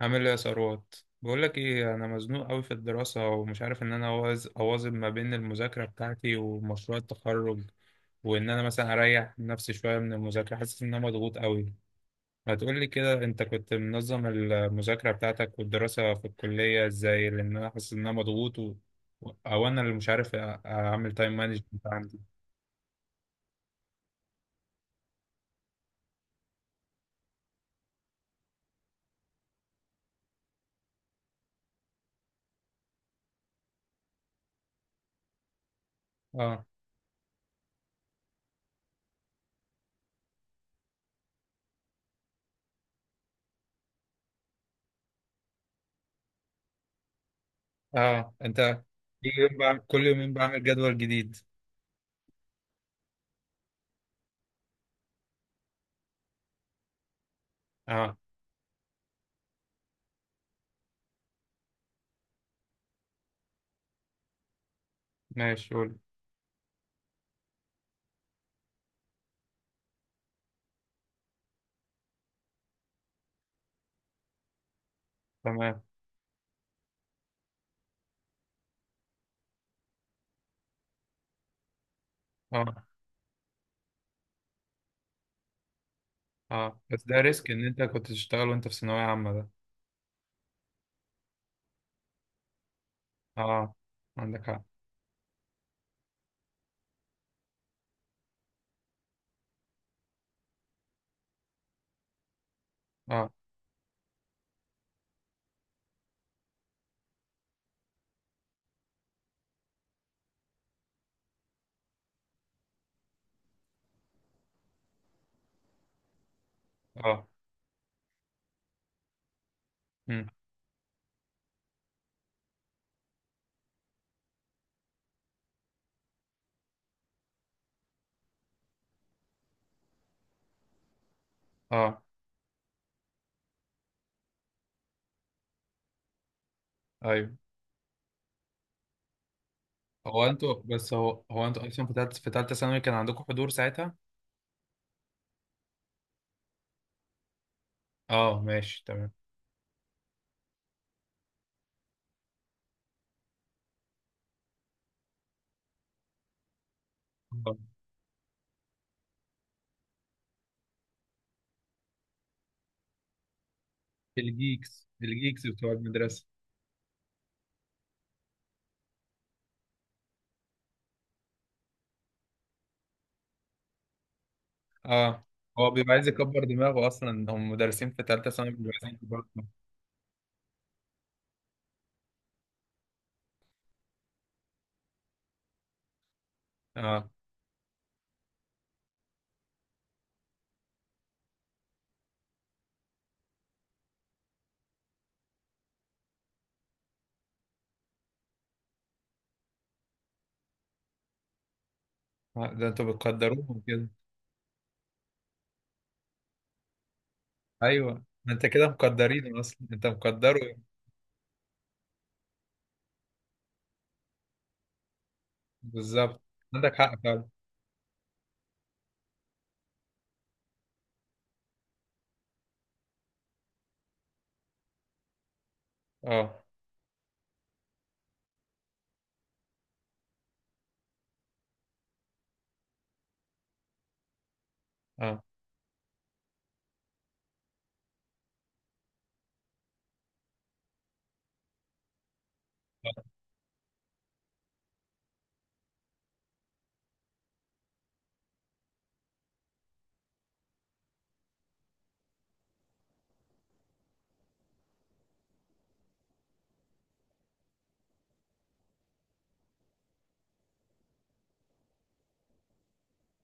عامل ايه يا ثروت؟ بقول لك ايه، انا مزنوق قوي في الدراسه ومش عارف ان انا اواظب ما بين المذاكره بتاعتي ومشروع التخرج، وان انا مثلا اريح نفسي شويه من المذاكره حاسس ان انا مضغوط قوي. ما تقول لي كده، انت كنت منظم المذاكره بتاعتك والدراسه في الكليه ازاي؟ لان انا حاسس ان انا مضغوط. او انا اللي مش عارف اعمل تايم مانجمنت عندي. اه، اه، انت كل يومين بعمل جدول جديد. اه ماشي قول. تمام. اه، اه، بس ده ريسك ان انت كنت تشتغل وانت في ثانوية عامة ده. اه عندك حق. اه، اه، امم، اه، ايوه. هو انتوا اصلا في تالتة ثانوي كان عندكم حضور ساعتها؟ اه ماشي تمام. آه. الجيكس، الجيكس بتوع المدرسة. اه، هو بيبقى عايز يكبر دماغه اصلا، هم مدرسين في تالتة ثانوي بيبقوا عايزين يكبروا دماغهم. اه، ده انتوا بتقدروهم كده. ايوه، ده انت كده مقدرين، اصلا انت مقدره. بالظبط. عندك حق فعلا. اه، اه،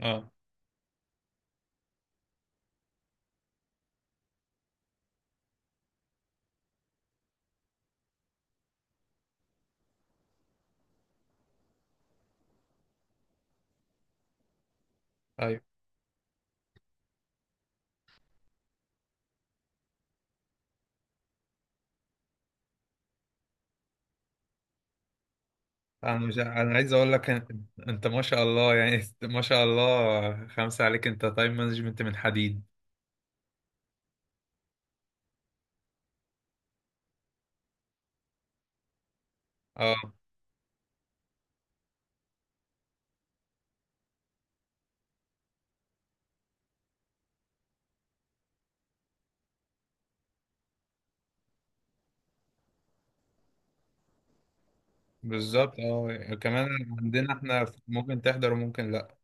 اه، ايوه. انا مش، انا عايز اقول لك، انت ما شاء الله يعني، ما شاء الله خمسة عليك، انت تايم مانجمنت من حديد. اه. بالظبط. اه كمان. عندنا احنا ممكن تحضر وممكن لا.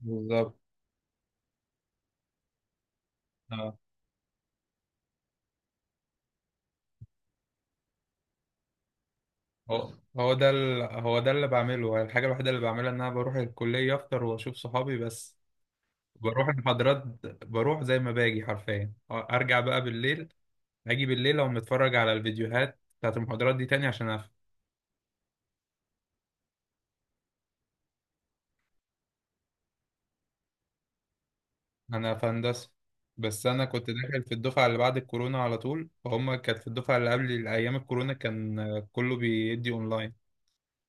بالظبط. اه، هو هو هو ده اللي بعمله. الحاجة الوحيدة اللي بعملها ان انا بروح الكلية افطر واشوف صحابي بس. بروح المحاضرات. بروح زي ما باجي حرفيا ارجع بقى بالليل. اجي بالليل، او متفرج على الفيديوهات بتاعت المحاضرات دي تاني عشان انا في هندسه. بس انا كنت داخل في الدفعه اللي بعد الكورونا على طول، فهم كانت في الدفعه اللي قبل ايام الكورونا كان كله بيدي اونلاين.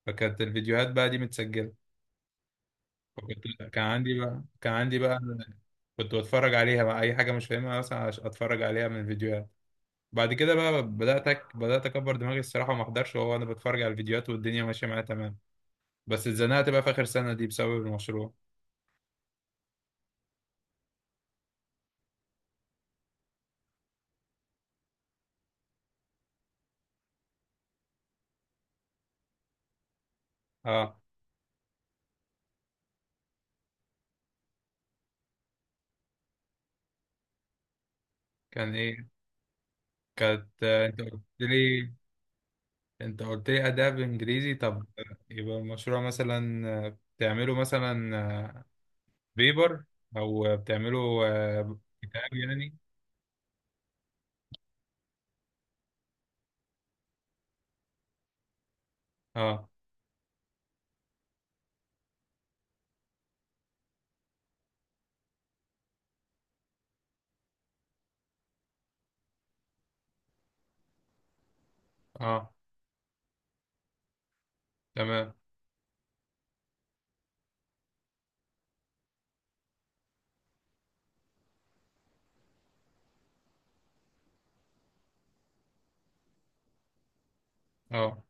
فكانت الفيديوهات بقى دي متسجله. كان عندي بقى. كنت بتفرج عليها بقى اي حاجه مش فاهمها مثلا، اتفرج عليها من الفيديوهات. بعد كده بقى بدات اكبر دماغي الصراحه، وما احضرش وهو انا بتفرج على الفيديوهات والدنيا ماشيه معايا تمام. بس اتزنقت بقى في اخر سنه دي بسبب المشروع. اه، كان ايه؟ كانت آه، انت قلت لي انت قلت لي اداء بانجليزي. طب يبقى المشروع مثلا بتعمله مثلا بيبر، او بتعمله كتاب يعني؟ اه. اه تمام. اه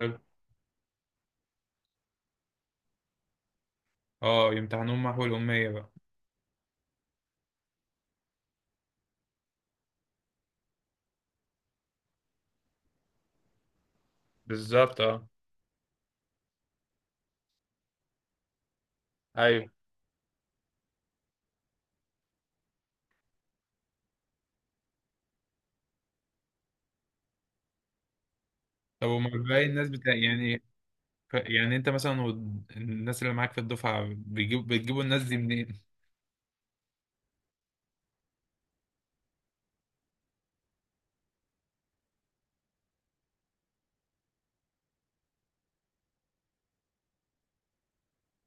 حلو. اه، يمتحنون محو الأمية بقى. بالظبط. اه، ايوه. طب وما باقي الناس بتاع يعني؟ يعني انت مثلا الناس اللي معاك في الدفعة بتجيبوا الناس دي منين؟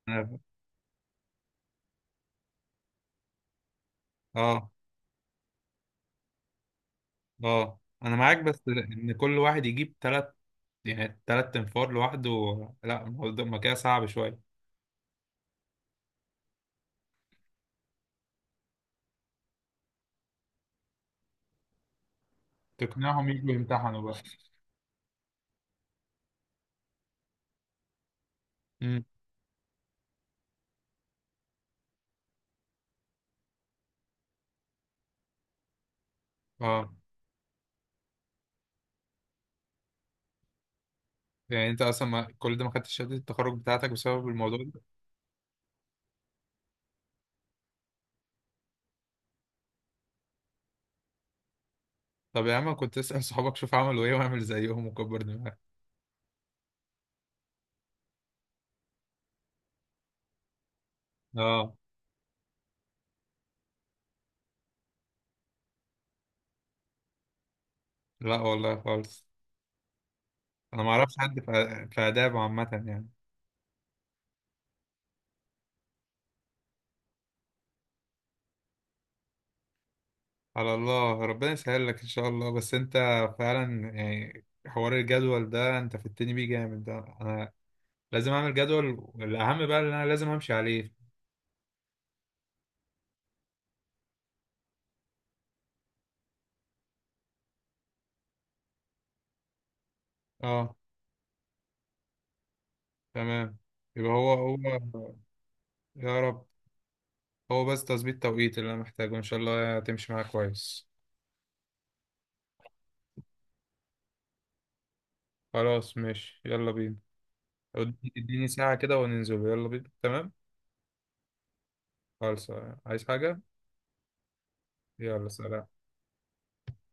اه، اه، انا معاك بس ان كل واحد يجيب تلات، يعني تلات تنفار لوحده. لا الموضوع ما كده، صعب شوية. تقنعهم يجوا يمتحنوا بقى. امم. اه، يعني انت اصلا ما كل ده ما خدتش شهادة التخرج بتاعتك بسبب الموضوع ده؟ طب يا عم كنت اسأل صحابك، شوف عملوا ايه واعمل زيهم وكبر دماغك. اه. لا والله خالص، انا ما اعرفش حد في آداب عامة يعني. على الله، ربنا يسهل لك ان شاء الله. بس انت فعلا يعني، حوار الجدول ده انت فتني بيه جامد، ده انا لازم اعمل جدول الاهم بقى اللي انا لازم امشي عليه. اه تمام. يبقى هو هو. يا رب. هو بس تظبيط توقيت اللي انا محتاجه، ان شاء الله هتمشي معاك كويس. خلاص ماشي يلا بينا. اديني، اديني ساعة كده وننزل، يلا بينا تمام. خلاص. عايز حاجة؟ يلا سلام.